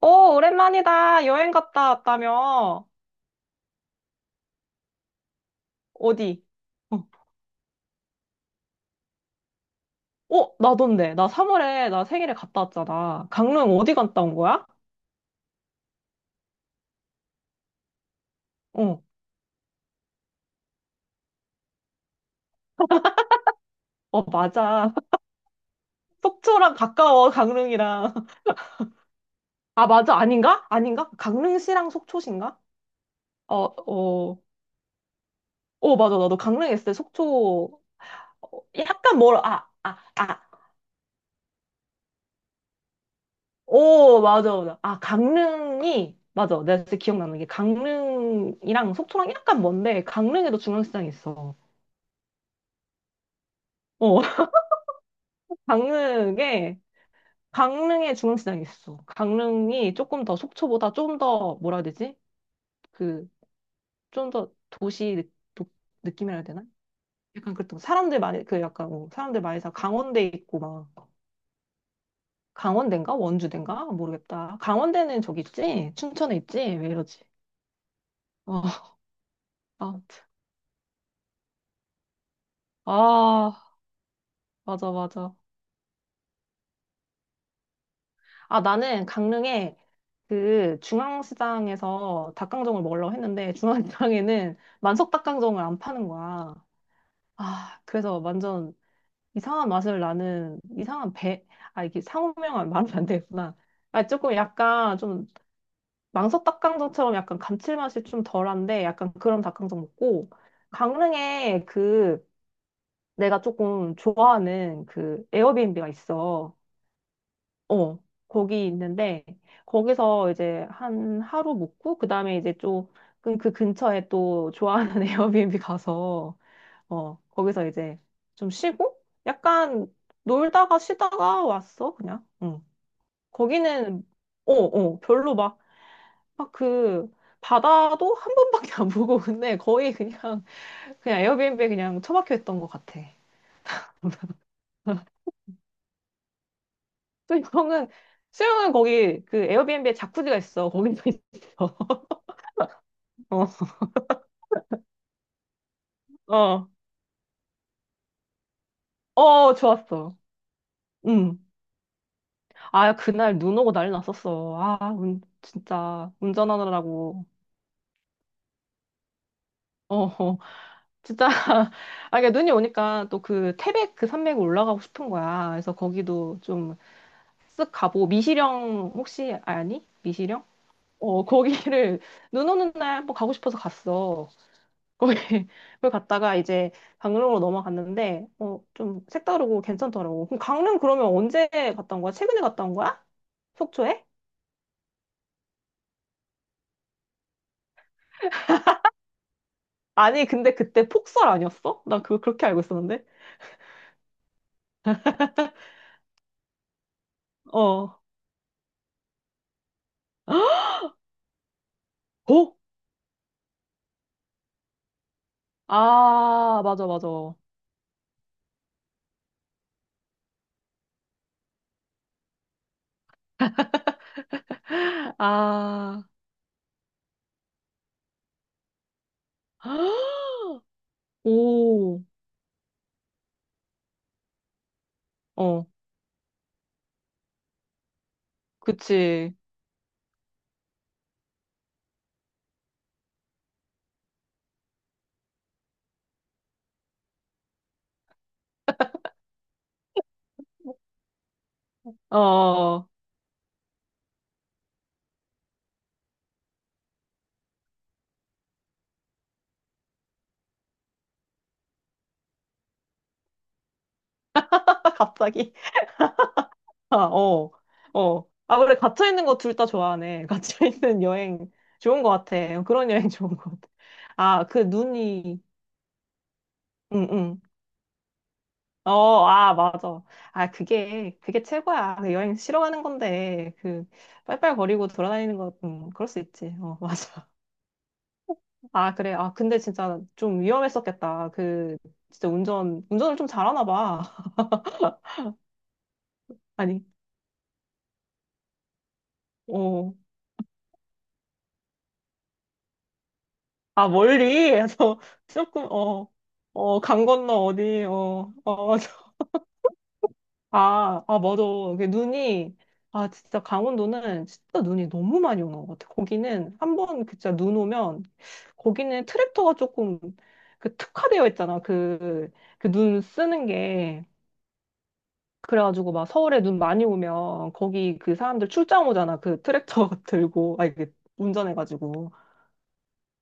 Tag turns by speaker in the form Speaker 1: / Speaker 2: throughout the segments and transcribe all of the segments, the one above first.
Speaker 1: 오, 오랜만이다. 여행 갔다 왔다며. 어디? 어, 나던데. 나 3월에 나 생일에 갔다 왔잖아. 강릉 어디 갔다 온 거야? 어, 맞아. 속초랑 가까워, 강릉이랑. 아, 맞아. 아닌가? 아닌가? 강릉시랑 속초신가? 어, 어, 맞아. 나도 강릉에 있을 때 속초, 어, 약간 멀어. 아. 오, 맞아, 맞아. 아, 강릉이, 맞아. 내가 진짜 기억나는 게 강릉이랑 속초랑 약간 먼데, 강릉에도 중앙시장이 있어. 어. 강릉에, 강릉에 중앙시장이 있어. 강릉이 조금 더 속초보다 좀 더, 뭐라 해야 되지? 그, 좀 더 도시 도- 느낌이라 해야 되나? 약간 그랬던, 거. 사람들 많이, 그 약간, 뭐 사람들 많이 사, 강원대 있고 막, 강원대인가? 원주대인가? 모르겠다. 강원대는 저기 있지? 춘천에 있지? 왜 이러지? 어, 아, 아, 맞아, 맞아. 아, 나는 강릉에 그 중앙시장에서 닭강정을 먹으려고 했는데, 중앙시장에는 만석 닭강정을 안 파는 거야. 아, 그래서 완전 이상한 맛을 나는 이상한 배, 아, 이게 상호명은 말하면 안 되겠구나. 아, 조금 약간 좀 망석 닭강정처럼 약간 감칠맛이 좀 덜한데 약간 그런 닭강정 먹고 강릉에 그 내가 조금 좋아하는 그 에어비앤비가 있어. 어, 거기 있는데 거기서 이제 한 하루 묵고 그다음에 이제 좀그 근처에 또 좋아하는 에어비앤비 가서 어, 거기서 이제 좀 쉬고? 약간 놀다가 쉬다가 왔어, 그냥. 응. 거기는, 별로 막, 막 그, 바다도 한 번밖에 안 보고, 근데 거의 그냥, 그냥 에어비앤비에 그냥 처박혀 있던 것 같아. 수영은, 수영은 거기 그 에어비앤비에 자쿠지가 있어. 거기서 있어. 어, 어, 좋았어. 응. 아, 그날 눈 오고 난리 났었어. 아, 운, 진짜, 운전하느라고. 어, 어. 진짜 아 그러니까 눈이 오니까 또 그 태백 그 산맥 올라가고 싶은 거야. 그래서 거기도 좀 쓱 가보고 미시령 혹시 아니? 미시령? 어 거기를 눈 오는 날 한번 가고 싶어서 갔어. 거기 그걸 갔다가 이제 강릉으로 넘어갔는데 어 좀 색다르고 괜찮더라고. 그럼 강릉 그러면 언제 갔다 온 거야? 최근에 갔다 온 거야? 속초에? 아니 근데 그때 폭설 아니었어? 나 그거 그렇게 알고 있었는데. 어. 어? 아 맞아 맞아. 아. 오, 어, 그치. 어, 갑자기. 아, 어, 아, 그래, 갇혀있는 거 둘 다 좋아하네. 갇혀있는 여행 좋은 것 같아. 그런 여행 좋은 것 같아. 아, 그 눈이, 응, 응. 어, 아, 맞아. 그게 최고야. 그 여행 싫어하는 건데, 그, 빨빨거리고 돌아다니는 거, 그럴 수 있지. 어, 맞아. 아, 그래. 아, 근데 진짜 좀 위험했었겠다. 그, 진짜 운전을 좀 잘하나 봐. 아니, 어, 아, 멀리? 해서 조금, 강 건너 어디, 맞아. 맞아. 이게 눈이, 아, 진짜 강원도는 진짜 눈이 너무 많이 오는 것 같아. 거기는 한 번 진짜 눈 오면, 거기는 트랙터가 조금 그 특화되어 있잖아. 그, 그 눈 쓰는 게. 그래가지고 막 서울에 눈 많이 오면 거기 그 사람들 출장 오잖아. 그 트랙터 들고, 아, 이게 운전해가지고.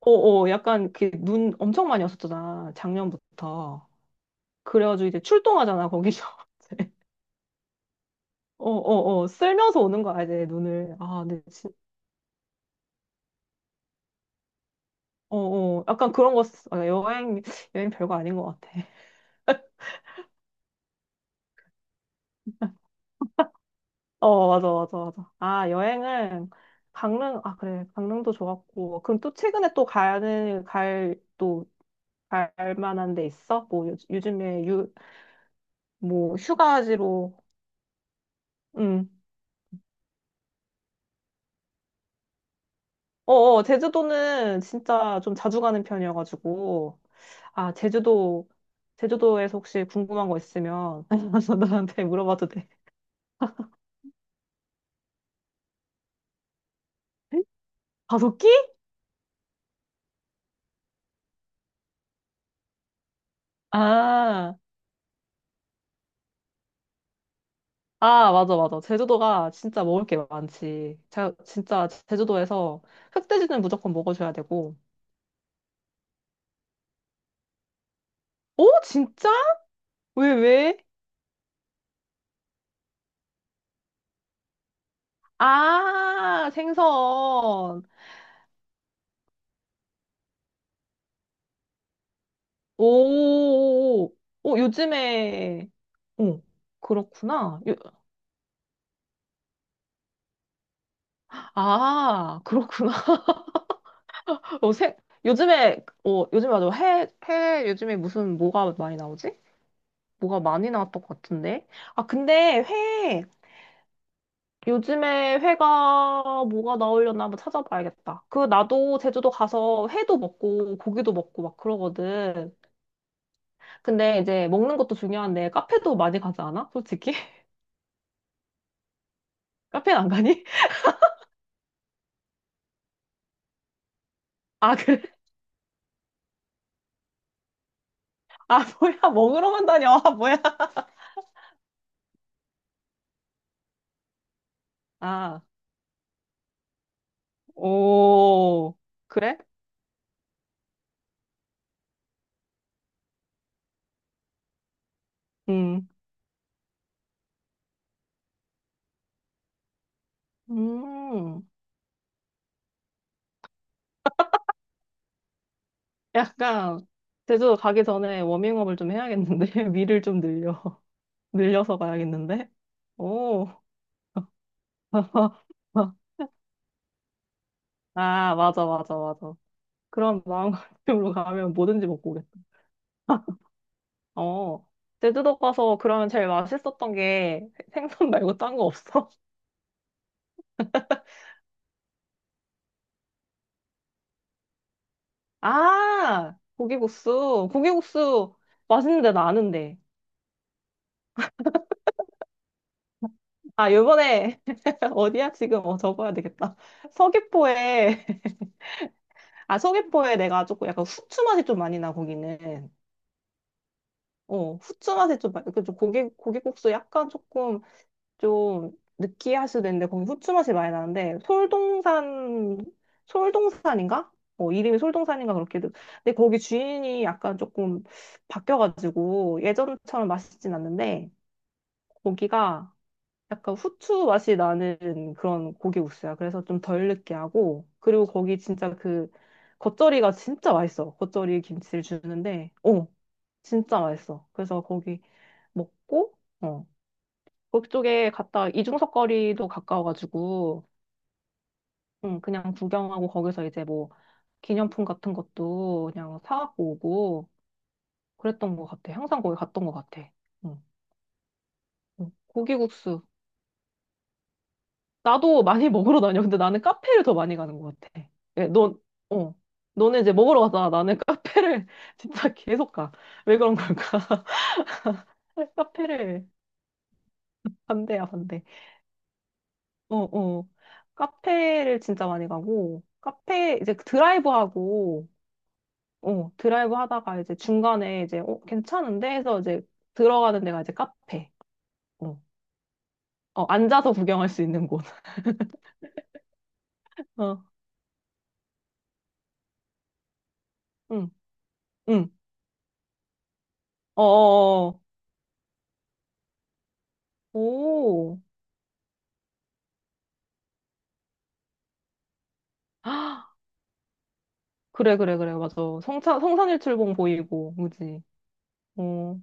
Speaker 1: 어어 약간 그 눈 엄청 많이 왔었잖아 작년부터 그래가지고 이제 출동하잖아 거기서 이제 어어어 쓸면서 오는 거야 이제 눈을 아 근데 진 어어 약간 그런 거 아, 여행 여행 별거 아닌 것 같아 어 맞아 아 여행은 강릉 아 그래 강릉도 좋았고 그럼 또 최근에 또 가는 갈또 갈 만한 데 있어 뭐 요, 즘에 유 뭐 휴가지로 응. 제주도는 진짜 좀 자주 가는 편이어가지고. 아, 제주도, 제주도에서 혹시 궁금한 거 있으면 나한테 물어봐도 돼. 다섯끼? 아, 맞아, 맞아. 제주도가 진짜 먹을 게 많지. 자, 진짜 제주도에서 흑돼지는 무조건 먹어줘야 되고. 오, 진짜? 왜, 왜? 아, 생선. 오, 요즘에, 오, 그렇구나. 요- 아, 그렇구나. 어, 세, 요즘에, 어, 요즘에 맞아. 해, 해, 요즘에 무슨, 뭐가 많이 나오지? 뭐가 많이 나왔던 것 같은데. 아, 근데 회, 요즘에 회가 뭐가 나오려나 한번 찾아봐야겠다. 그, 나도 제주도 가서 회도 먹고, 고기도 먹고 막 그러거든. 근데 이제 먹는 것도 중요한데, 카페도 많이 가지 않아? 솔직히? 카페는 안 가니? 아, 그래? 아, 뭐야. 먹으러만 다녀. 아, 뭐야. 아, 오, 그래? 음. 음. 약간 제주도 가기 전에 워밍업을 좀 해야겠는데 위를 좀 늘려 늘려서 가야겠는데 오 아 맞아 그런 마음가짐으로 가면 뭐든지 먹고 오겠다 어 제주도 가서 그러면 제일 맛있었던 게 생선 말고 딴 거 없어? 아 고기국수 맛있는데 나 아는데 아 요번에 어디야 지금 어 적어야 되겠다 서귀포에 아, 서귀포에 내가 조금 약간 후추 맛이 좀 많이 나, 거기는. 어, 후추 맛이 좀, 많이 그좀 고기, 고기국수 약간 조금 좀 느끼할 수도 있는데, 거기 후추 맛이 많이 나는데, 솔동산인가? 어, 이름이 솔동산인가 그렇게. 돼. 근데 거기 주인이 약간 조금 바뀌어가지고, 예전처럼 맛있진 않는데, 고기가 약간 후추 맛이 나는 그런 고기 국수야. 그래서 좀 덜 느끼하고 그리고 거기 진짜 그 겉절이가 진짜 맛있어. 겉절이 김치를 주는데, 어, 진짜 맛있어. 그래서 거기 먹고, 어, 그쪽에 갔다 이중석 거리도 가까워가지고, 응, 그냥 구경하고 거기서 이제 뭐 기념품 같은 것도 그냥 사갖고 오고 그랬던 것 같아. 항상 거기 갔던 것 같아. 응. 응. 고기국수 나도 많이 먹으러 다녀. 근데 나는 카페를 더 많이 가는 것 같아. 예, 넌, 어. 너는 이제 먹으러 가잖아. 나는 카페를 진짜 계속 가. 왜 그런 걸까? 카페를 반대야, 반대. 어, 어. 카페를 진짜 많이 가고, 카페 이제 드라이브 하고, 어, 드라이브 하다가 이제 중간에 이제, 어, 괜찮은데? 해서 이제 들어가는 데가 이제 카페. 어, 앉아서 구경할 수 있는 곳. 어, 응, 응. 어. 오. 그래, 맞아. 성산일출봉 보이고, 그지? 어.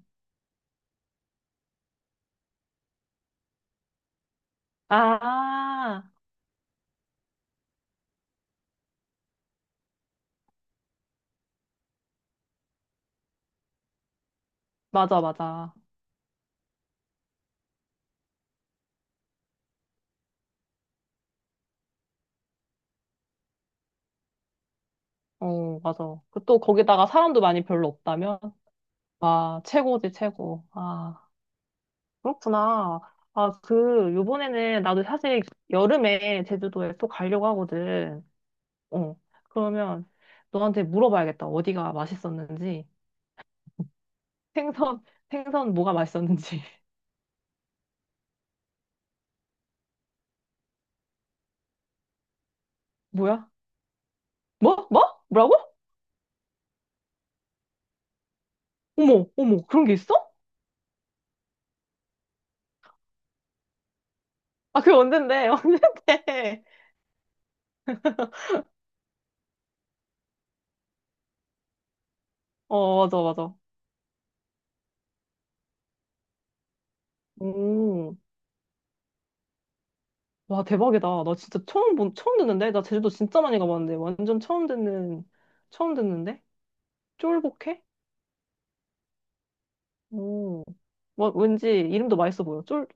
Speaker 1: 아, 맞아. 어, 맞아. 그 또 거기다가 사람도 많이 별로 없다면? 와, 최고지, 최고. 아, 그렇구나. 아, 그, 요번에는 나도 사실 여름에 제주도에 또 가려고 하거든. 어, 그러면 너한테 물어봐야겠다. 어디가 맛있었는지. 생선, 생선 뭐가 맛있었는지. 뭐야? 뭐라고? 어머, 그런 게 있어? 아, 그게 언젠데, 언젠데. 어, 맞아, 맞아. 오, 와, 대박이다. 나 진짜 처음 듣는데? 나 제주도 진짜 많이 가봤는데. 완전 처음 듣는데? 쫄복해? 오, 뭐, 왠지 이름도 맛있어 보여. 쫄,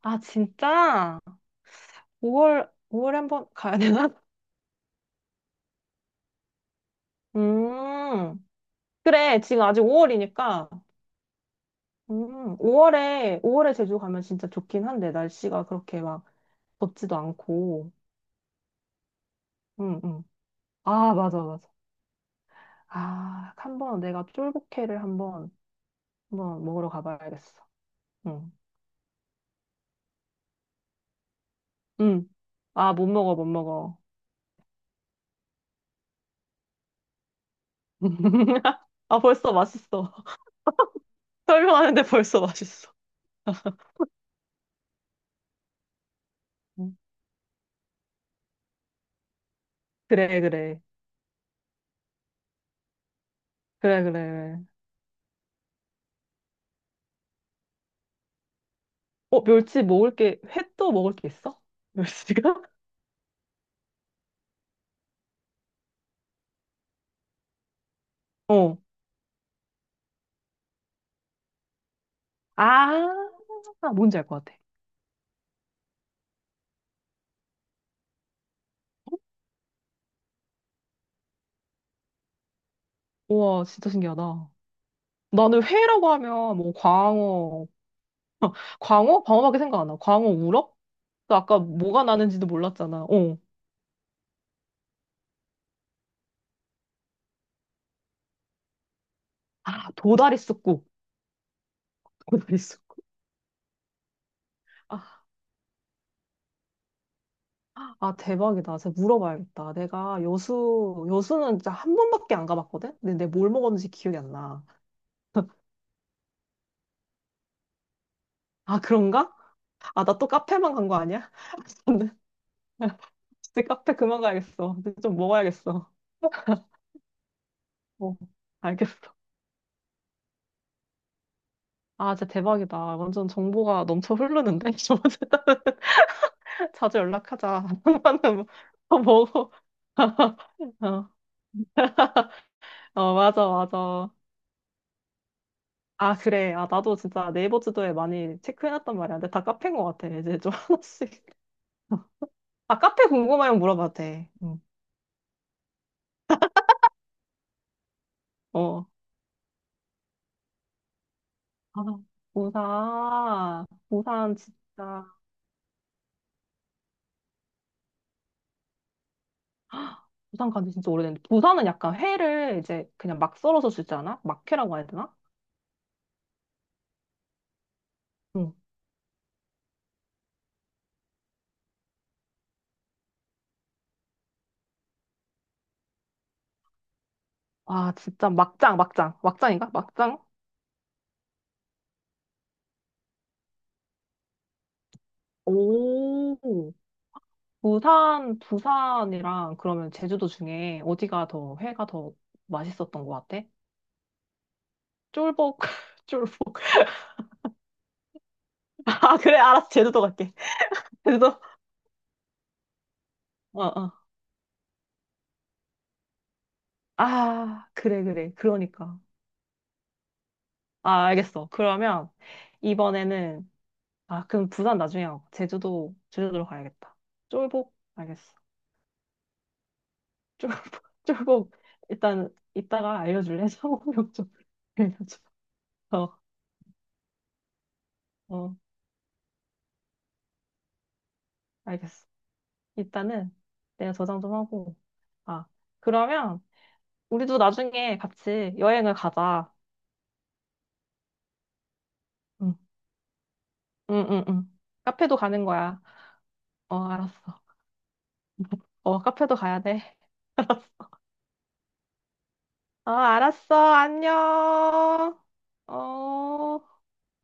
Speaker 1: 아, 진짜? 5월에 한번 가야 되나? 음, 그래. 지금 아직 5월이니까. 5월에 제주 가면 진짜 좋긴 한데, 날씨가 그렇게 막 덥지도 않고. 응, 응. 아, 맞아, 맞아. 아, 한번 내가 쫄복회를 한번 먹으러 가봐야겠어. 응. 응. 아, 못 먹어. 아, 벌써 맛있어. 설명하는데 벌써 맛있어. 응. 그래, 그래. 그래, 그래. 그래. 어, 멸치 먹을 게, 횟도 먹을 게 있어? 멸치가? 어. 아, 뭔지 알 것 같아. 우와, 진짜 신기하다. 나는 회라고 하면 뭐 광어, 광어? 광어밖에 생각 안 나. 광어 우럭? 또 아까 뭐가 나는지도 몰랐잖아. 어. 아, 도다리 쑥국. 도다리 쑥국. 아, 대박이다. 제가 물어봐야겠다. 내가 여수는 진짜 한 번밖에 안 가봤거든? 근데 내가 뭘 먹었는지 기억이 안 나. 아, 그런가? 아, 나 또 카페만 간 거 아니야? 저는 진짜 카페 그만 가야겠어. 이제 좀 먹어야겠어. 어, 알겠어. 아, 진짜 대박이다. 완전 정보가 넘쳐 흐르는데? 저번에 자주 연락하자. 한번은 뭐, 뭐 먹어. 어, 맞아. 아, 그래. 아, 나도 진짜 네이버 지도에 많이 체크해놨단 말이야. 근데 다 카페인 것 같아. 이제 좀 하나씩. 아, 카페 궁금하면 물어봐도 돼. 응. 어. 아, 부산. 부산 진짜. 부산 간지 진짜 오래됐는데. 부산은 약간 회를 이제 그냥 막 썰어서 주지 않아? 막회라고 해야 되나? 응. 아, 진짜 막장. 막장인가? 막장? 오. 부산이랑 그러면 제주도 중에 어디가 더 회가 더 맛있었던 것 같아? 쫄복, 쫄복. 아, 그래, 알았어. 제주도 갈게. 제주도? 어, 어. 그래. 그러니까. 아, 알겠어. 그러면 이번에는, 아, 그럼 부산 나중에 하고. 제주도로 가야겠다. 쫄복? 알겠어. 쫄복, 쫄복. 일단, 이따가 알려줄래? 상호명 좀 알려줘. 어, 어, 알겠어. 일단은 내가 저장 좀 하고. 아, 그러면 우리도 나중에 같이 여행을 가자. 응, 응. 카페도 가는 거야. 어, 알았어. 어, 카페도 가야 돼. 어, 알았어. 안녕. 어.